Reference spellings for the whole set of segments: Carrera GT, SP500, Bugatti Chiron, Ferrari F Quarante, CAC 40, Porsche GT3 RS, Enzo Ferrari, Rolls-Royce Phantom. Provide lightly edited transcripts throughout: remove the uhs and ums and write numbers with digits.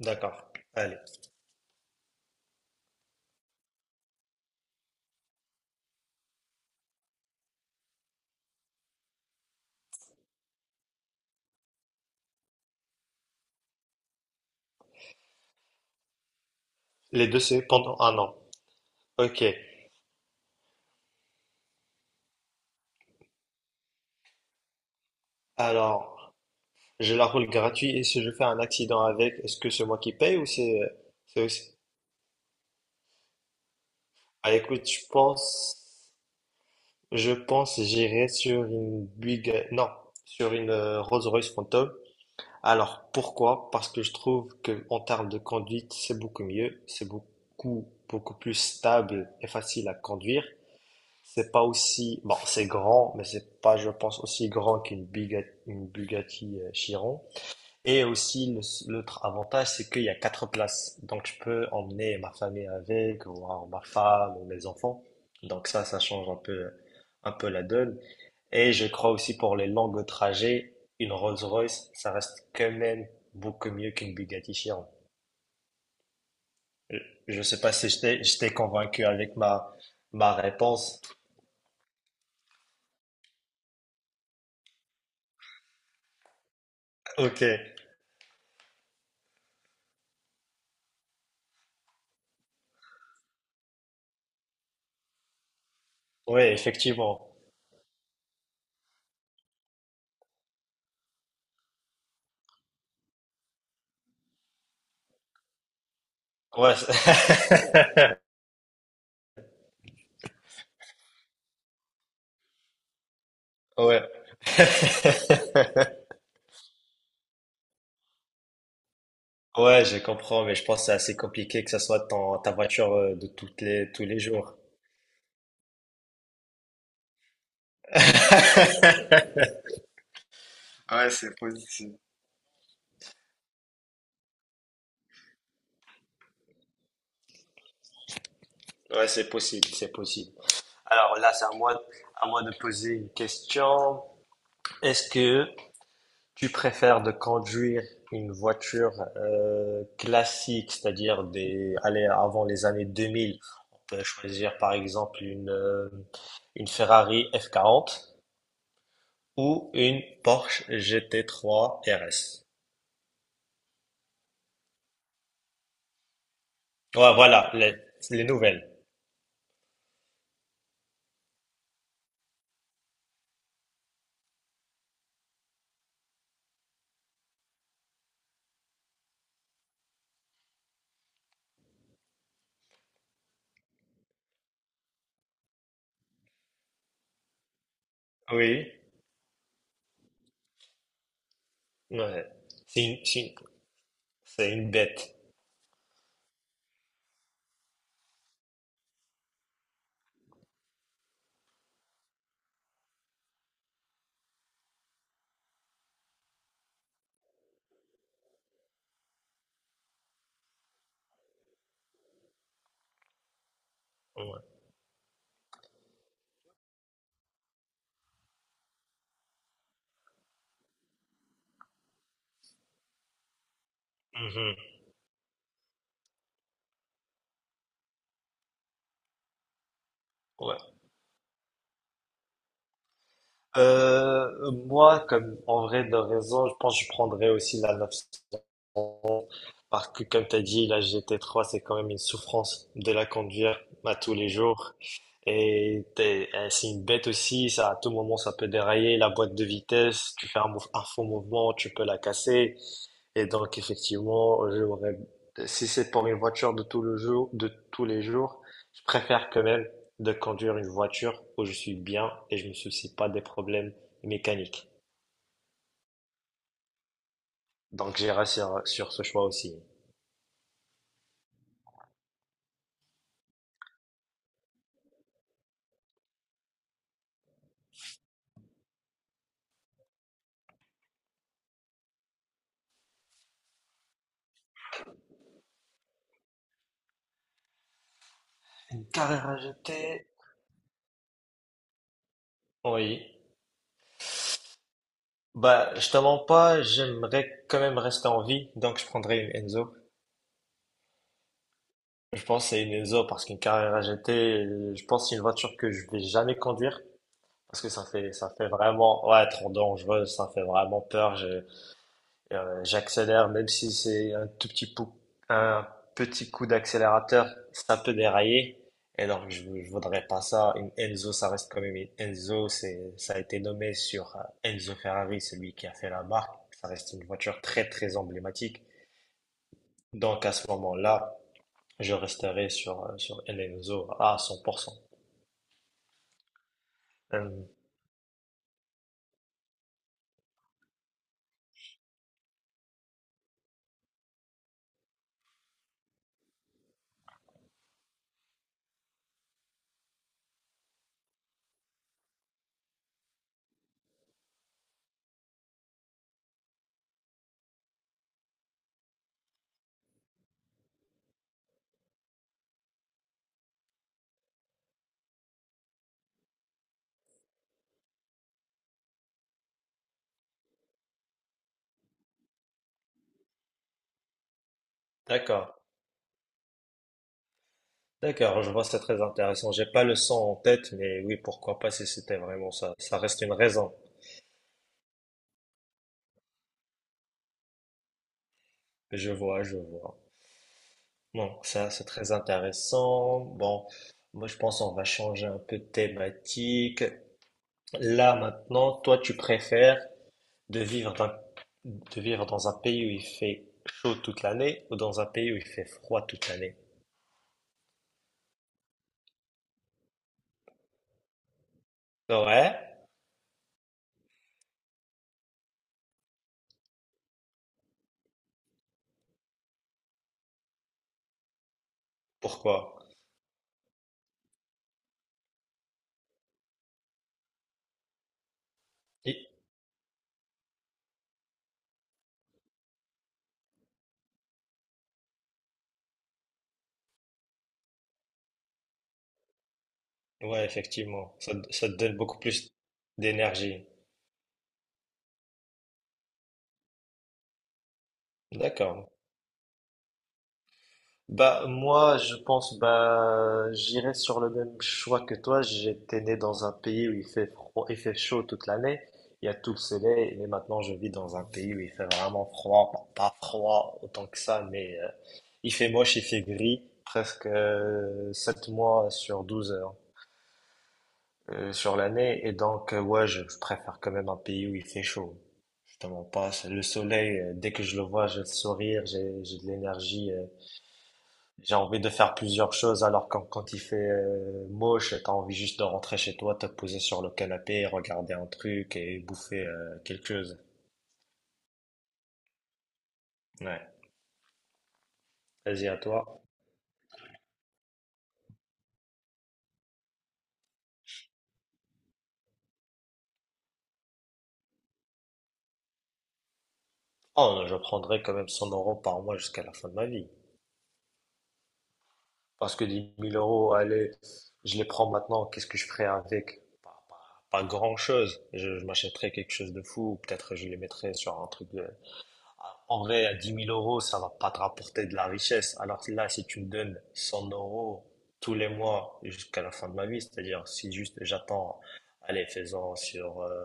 D'accord, allez. Les deux, c'est pendant un an. Ok. Alors, je la roule gratuit et si je fais un accident avec, est-ce que c'est moi qui paye ou c'est aussi... Ah, écoute, je pense j'irai sur une Buick, non, sur une Rolls-Royce Phantom. Alors, pourquoi? Parce que je trouve que en termes de conduite, c'est beaucoup mieux, c'est beaucoup beaucoup plus stable et facile à conduire. C'est pas aussi, bon, c'est grand, mais c'est pas, je pense, aussi grand qu'une Bugatti Chiron. Et aussi, l'autre avantage, c'est qu'il y a quatre places. Donc, je peux emmener ma famille avec, ou alors ma femme, ou mes enfants. Donc, ça change un peu la donne. Et je crois aussi pour les longues trajets, une Rolls-Royce, ça reste quand même beaucoup mieux qu'une Bugatti Chiron. Je je sais pas si je t'ai convaincu avec ma réponse. Ok, oui, effectivement. Ouais, ouais. Ouais, je comprends, mais je pense que c'est assez compliqué que ça soit ta voiture de tous les jours. Ouais, c'est possible. Ouais, c'est possible, c'est possible. Alors là, c'est à moi de poser une question. Est-ce que tu préfères de conduire une voiture classique, c'est-à-dire des, allez, avant les années 2000, on peut choisir par exemple une Ferrari F40, ou une Porsche GT3 RS. Ouais, voilà, les nouvelles. Oui. Ouais. C'est une, c'est une, c'est une bête. Ouais. Mhm. Ouais. Moi, comme en vrai de raison, je pense que je prendrais aussi la 911 parce que, comme tu as dit, la GT3, c'est quand même une souffrance de la conduire à tous les jours. Et c'est une bête aussi, ça, à tout moment, ça peut dérailler, la boîte de vitesse, tu fais un faux mouvement, tu peux la casser. Et donc, effectivement, j'aurais, si c'est pour une voiture de tous les jours, je préfère quand même de conduire une voiture où je suis bien et je me soucie pas des problèmes mécaniques. Donc, j'irai sur ce choix aussi. Une carrière à jeter. Oui. Bah, je te mens pas, j'aimerais quand même rester en vie, donc je prendrais une Enzo. Je pense que c'est une Enzo parce qu'une Carrera GT, je pense que c'est une voiture que je vais jamais conduire parce que ça fait vraiment ouais trop dangereux, ça fait vraiment peur. J'accélère, même si c'est un tout petit coup, un petit coup d'accélérateur, ça peut dérailler. Et donc, je voudrais pas ça. Une Enzo, ça reste quand même une Enzo. Ça a été nommé sur Enzo Ferrari, celui qui a fait la marque. Ça reste une voiture très, très emblématique. Donc, à ce moment-là, je resterai sur un Enzo à 100%. Hum, d'accord. D'accord, je vois, c'est très intéressant. J'ai pas le son en tête, mais oui, pourquoi pas si c'était vraiment ça. Ça reste une raison. Je vois, je vois. Non, ça c'est très intéressant. Bon, moi je pense on va changer un peu de thématique. Là maintenant, toi tu préfères de vivre dans, de vivre dans un pays où il fait chaud toute l'année ou dans un pays où il fait froid toute l'année? Ouais, pourquoi? Et- Ouais, effectivement, ça te donne beaucoup plus d'énergie. D'accord. Bah, moi, je pense, bah, j'irais sur le même choix que toi. J'étais né dans un pays où il fait froid, il fait chaud toute l'année. Il y a tout le soleil, mais maintenant je vis dans un pays où il fait vraiment froid. Pas froid autant que ça, mais il fait moche, il fait gris, presque 7 mois sur 12 heures sur l'année. Et donc, ouais, je préfère quand même un pays où il fait chaud. Justement, pas c'est le soleil, dès que je le vois, j'ai le sourire, j'ai de l'énergie. J'ai envie de faire plusieurs choses alors quand il fait moche, t'as envie juste de rentrer chez toi, te poser sur le canapé, regarder un truc et bouffer quelque chose. Ouais. Vas-y à toi. Oh, je prendrai quand même 100 euros par mois jusqu'à la fin de ma vie. Parce que 10 000 euros, allez, je les prends maintenant, qu'est-ce que je ferai avec? Pas grand-chose. Je m'achèterai quelque chose de fou, ou peut-être je les mettrai sur un truc de... En vrai, à 10 000 euros, ça va pas te rapporter de la richesse. Alors que là, si tu me donnes 100 euros tous les mois jusqu'à la fin de ma vie, c'est-à-dire si juste j'attends, allez, faisant sur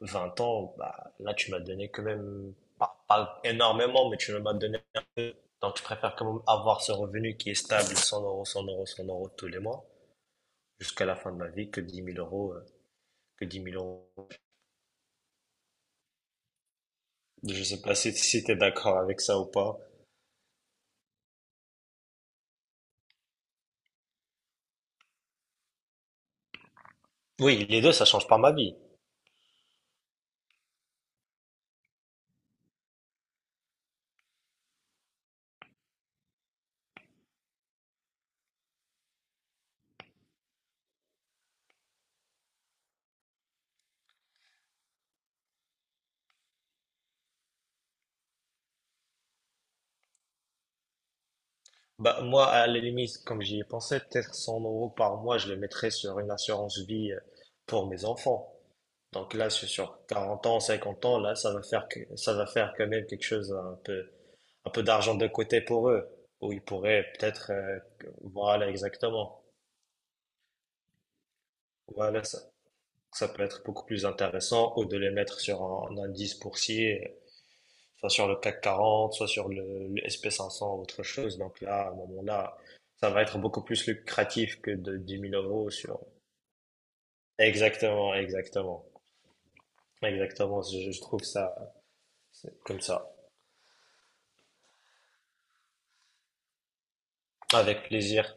20 ans, bah, là, tu m'as donné quand même, pas énormément, mais tu m'as donné un peu. Donc, je préfère quand même avoir ce revenu qui est stable, 100 euros, 100 euros, 100 euros tous les mois, jusqu'à la fin de ma vie, que dix 000 euros. Je sais pas si tu es d'accord avec ça ou pas. Oui, les deux, ça change pas ma vie. Bah, moi, à la limite, comme j'y ai pensé, peut-être 100 euros par mois, je les mettrais sur une assurance vie pour mes enfants. Donc là, sur 40 ans, 50 ans, là, ça va faire quand même quelque chose un peu d'argent de côté pour eux, où ils pourraient peut-être, voilà, exactement. Voilà, ça peut être beaucoup plus intéressant, ou de les mettre sur un indice boursier soit sur le CAC 40, soit sur le SP500 ou autre chose. Donc là, à un moment-là, ça va être beaucoup plus lucratif que de 10 000 euros sur... Exactement, exactement. Exactement, je trouve ça c'est comme ça. Avec plaisir.